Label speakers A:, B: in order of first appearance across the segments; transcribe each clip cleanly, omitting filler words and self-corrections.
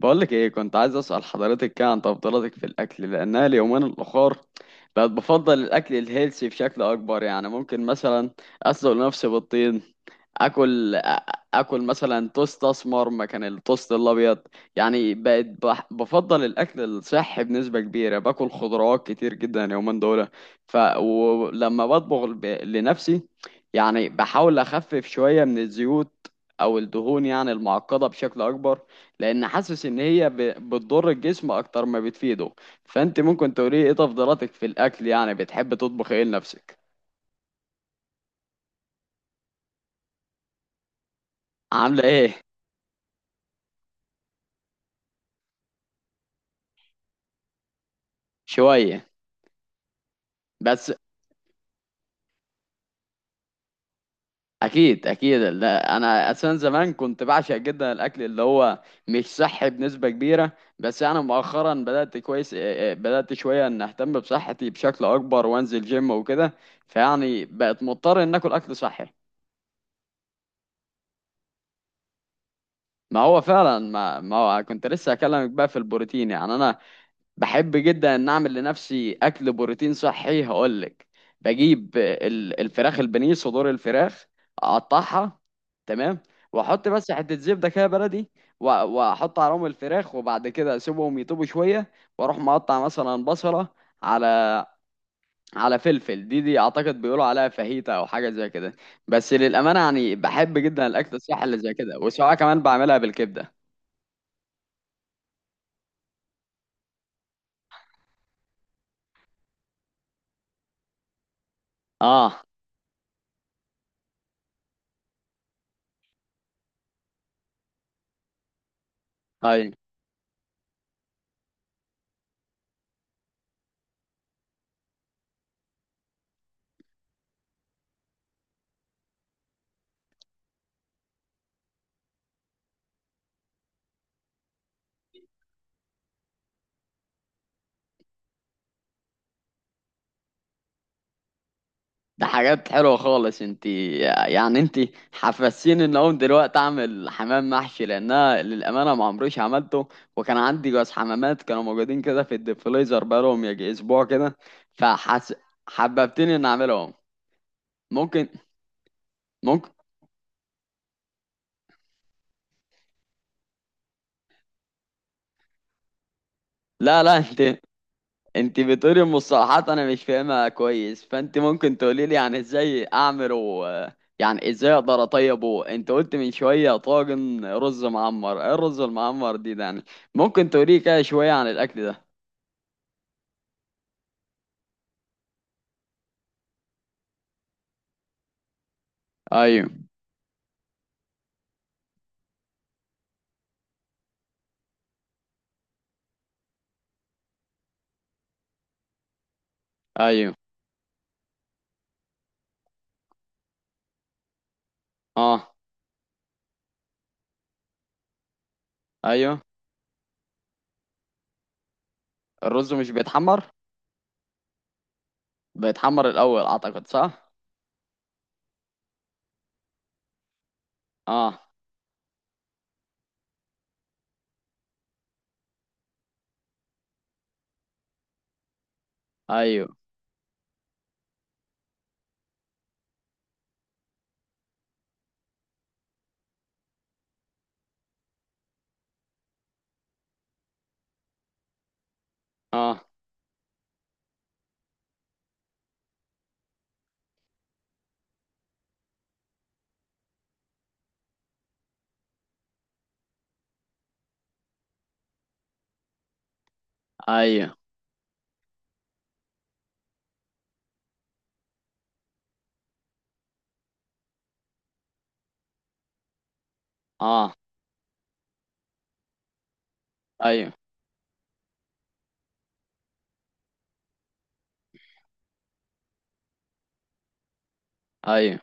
A: بقولك ايه، كنت عايز اسأل حضرتك كده عن تفضيلاتك في الاكل، لانها اليومين الاخر بقت بفضل الاكل الهيلثي بشكل اكبر. يعني ممكن مثلا اسلق نفسي بالطين، اكل اكل مثلا توست اسمر مكان التوست الابيض. يعني بقت بفضل الاكل الصحي بنسبه كبيره، باكل خضروات كتير جدا اليومين دول. ف ولما بطبخ لنفسي، يعني بحاول اخفف شويه من الزيوت او الدهون، يعني المعقده بشكل اكبر، لان حاسس ان هي بتضر الجسم اكتر ما بتفيده. فانت ممكن تقولي ايه تفضيلاتك في الاكل؟ يعني بتحب تطبخ ايه لنفسك؟ عامله ايه؟ شويه؟ بس اكيد اكيد. لا انا اساسا زمان كنت بعشق جدا الاكل اللي هو مش صحي بنسبه كبيره، بس انا مؤخرا بدات كويس، بدات شويه ان اهتم بصحتي بشكل اكبر وانزل جيم وكده. فيعني بقت مضطر ان اكل اكل صحي. ما هو فعلا، ما هو كنت لسه اكلمك بقى في البروتين. يعني انا بحب جدا ان اعمل لنفسي اكل بروتين صحي. هقولك، بجيب الفراخ البانيه، صدور الفراخ، اقطعها، تمام، واحط بس حته زبده كده بلدي، واحط عليهم الفراخ، وبعد كده اسيبهم يطيبوا شويه، واروح مقطع مثلا بصله على على فلفل. دي اعتقد بيقولوا عليها فاهيتا او حاجه زي كده. بس للامانه يعني بحب جدا الاكل الصحي اللي زي كده، وسواء كمان بعملها بالكبده. اه. طيب. ده حاجات حلوة خالص. انت يعني انت حفزتيني ان اقوم دلوقتي اعمل حمام محشي، لانها للامانة ما عمريش عملته. وكان عندي جواز حمامات كانوا موجودين كده في الديفليزر بقالهم يجي اسبوع كده. فحس، حببتني ان اعملهم. ممكن. ممكن. لا لا، انت انت بتقولي المصطلحات انا مش فاهمها كويس، فانت ممكن تقولي لي يعني ازاي اعمله؟ يعني ازاي اقدر اطيبه؟ انت قلت من شويه طاجن رز معمر. ايه الرز المعمر دي ده يعني؟ ممكن تقولي كده شويه عن الاكل ده؟ ايوه. ايوه. اه. ايوه. الرز مش بيتحمر؟ بيتحمر الاول اعتقد، صح؟ اه. ايوه. اه. ايوه. اه. ايوه. ايوه.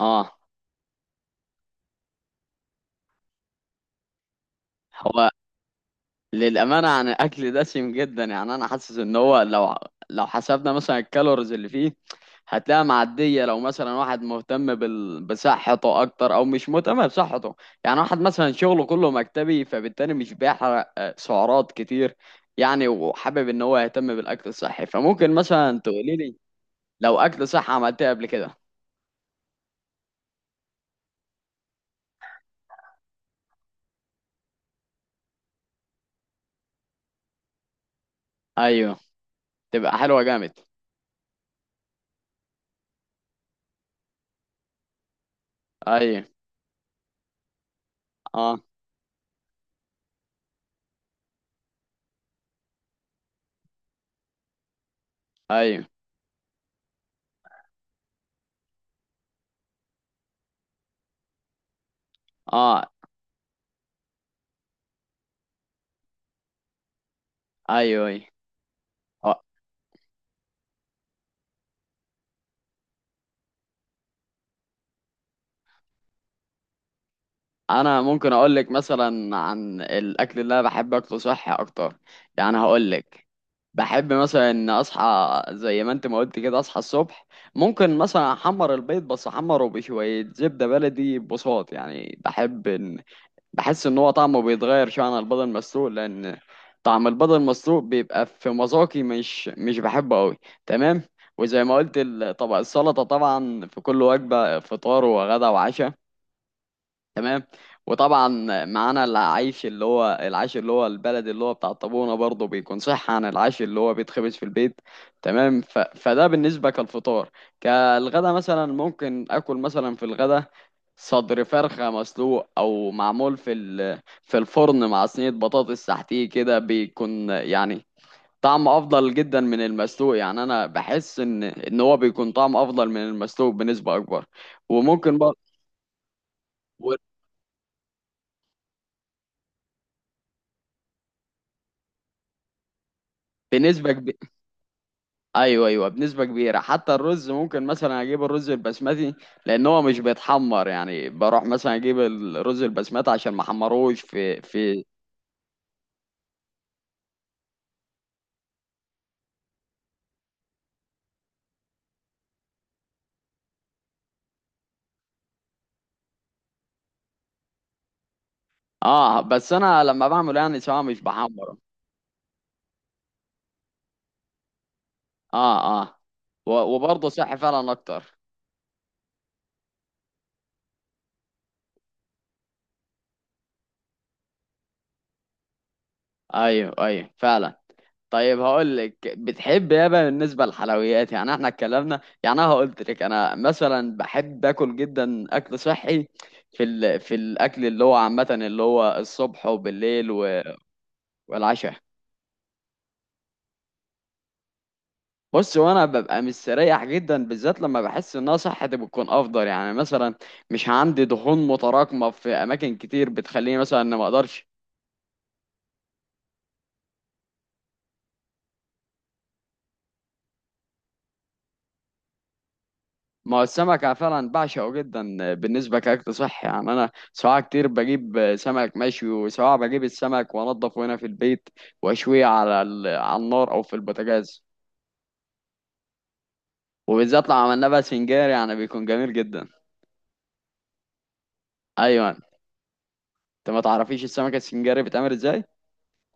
A: اه. هو للأمانة عن الأكل دسم جدا. يعني أنا حاسس إن هو لو، لو حسبنا مثلا الكالوريز اللي فيه، هتلاقيها معدية لو مثلا واحد مهتم بصحته أكتر أو مش مهتم بصحته. يعني واحد مثلا شغله كله مكتبي، فبالتالي مش بيحرق سعرات كتير. يعني وحابب إن هو يهتم بالأكل الصحي، فممكن مثلا تقولي لي لو أكل صحي عملتها قبل كده. أيوه. تبقى حلوة جامد. أيوه. أه. أيوه. أه. أيوه. أيوه. انا ممكن اقول لك مثلا عن الاكل اللي انا بحب اكله صحي اكتر. يعني هقول لك، بحب مثلا ان اصحى، زي ما انت ما قلت كده، اصحى الصبح، ممكن مثلا احمر البيض بس احمره بشويه زبده بلدي بساط. يعني بحب ان، بحس ان هو طعمه بيتغير شويه عن البيض المسلوق، لان طعم البيض المسلوق بيبقى في مذاقي مش بحبه قوي. تمام. وزي ما قلت طبق السلطه، طبعا في كل وجبه فطار وغدا وعشاء. تمام. وطبعا معانا العيش اللي هو العيش اللي هو البلد اللي هو بتاع الطابونة، برضه بيكون صح عن العيش اللي هو بيتخبز في البيت. تمام. فده بالنسبة كالفطار. كالغدا مثلا ممكن اكل مثلا في الغدا صدر فرخة مسلوق او معمول في الفرن مع صينية بطاطس تحتيه كده، بيكون يعني طعم افضل جدا من المسلوق. يعني انا بحس ان هو بيكون طعم افضل من المسلوق بنسبة اكبر. وممكن بقى. بنسبة كبيرة. ايوه ايوه، بنسبه كبيره. حتى الرز ممكن مثلا اجيب الرز البسمتي، لان هو مش بيتحمر. يعني بروح مثلا اجيب الرز البسمتي عشان ما احمروش في. اه، بس انا لما بعمله يعني سواء مش بحمره. اه. اه. وبرضه صحي فعلا اكتر. ايوه ايوه، فعلا. طيب هقول لك، بتحب ايه بقى بالنسبه للحلويات؟ يعني احنا اتكلمنا، يعني انا قلت لك انا مثلا بحب اكل جدا اكل صحي في الاكل اللي هو عامه، اللي هو الصبح وبالليل والعشاء. بص، وانا ببقى مستريح جدا، بالذات لما بحس انها صحتي بتكون افضل. يعني مثلا مش عندي دهون متراكمه في اماكن كتير بتخليني مثلا ان ما اقدرش. ما هو السمك أنا فعلا بعشقه جدا بالنسبه كاكل صحي. يعني انا سواء كتير بجيب سمك مشوي، وسواء بجيب السمك وانضفه هنا في البيت واشويه على النار او في البوتاجاز. وبالذات لو عملناه بقى سنجاري يعني بيكون جميل جدا. ايوه. انت ما تعرفيش السمك السنجاري بيتعمل ازاي؟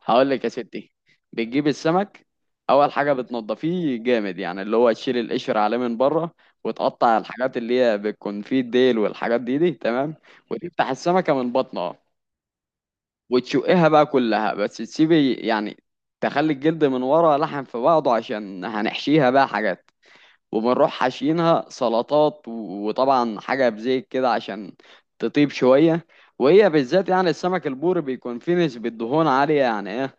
A: هقول لك يا ستي. بتجيب السمك، اول حاجه بتنضفيه جامد، يعني اللي هو تشيل القشر عليه من بره، وتقطع الحاجات اللي هي بتكون فيه، الديل والحاجات دي دي، تمام. وتفتح السمكه من بطنها، وتشقها بقى كلها، بس تسيبي يعني تخلي الجلد من ورا لحم في بعضه، عشان هنحشيها بقى حاجات. وبنروح حاشينها سلطات، وطبعا حاجه بزيت كده عشان تطيب شويه. وهي بالذات، يعني السمك البوري، بيكون فيه نسبة دهون عالية يعني.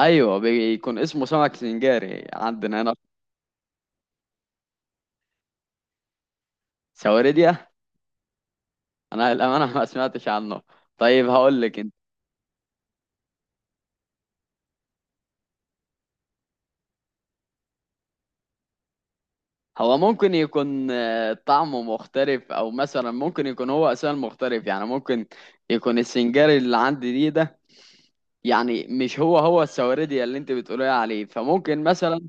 A: ايوه، بيكون اسمه سمك سنجاري عندنا هنا. سواردية. انا للامانه ما سمعتش عنه. طيب هقول لك انت، هو ممكن يكون طعمه مختلف، او مثلا ممكن يكون هو اساسا مختلف. يعني ممكن يكون السنجاري اللي عندي دي ده، يعني مش هو هو السواردية اللي انت بتقولي عليه. فممكن مثلا.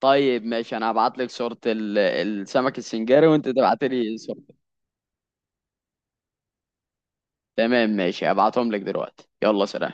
A: طيب ماشي، انا هبعت لك صورة السمك السنجاري، وانت تبعت لي صورته. تمام ماشي، هبعتهم لك دلوقتي. يلا سلام.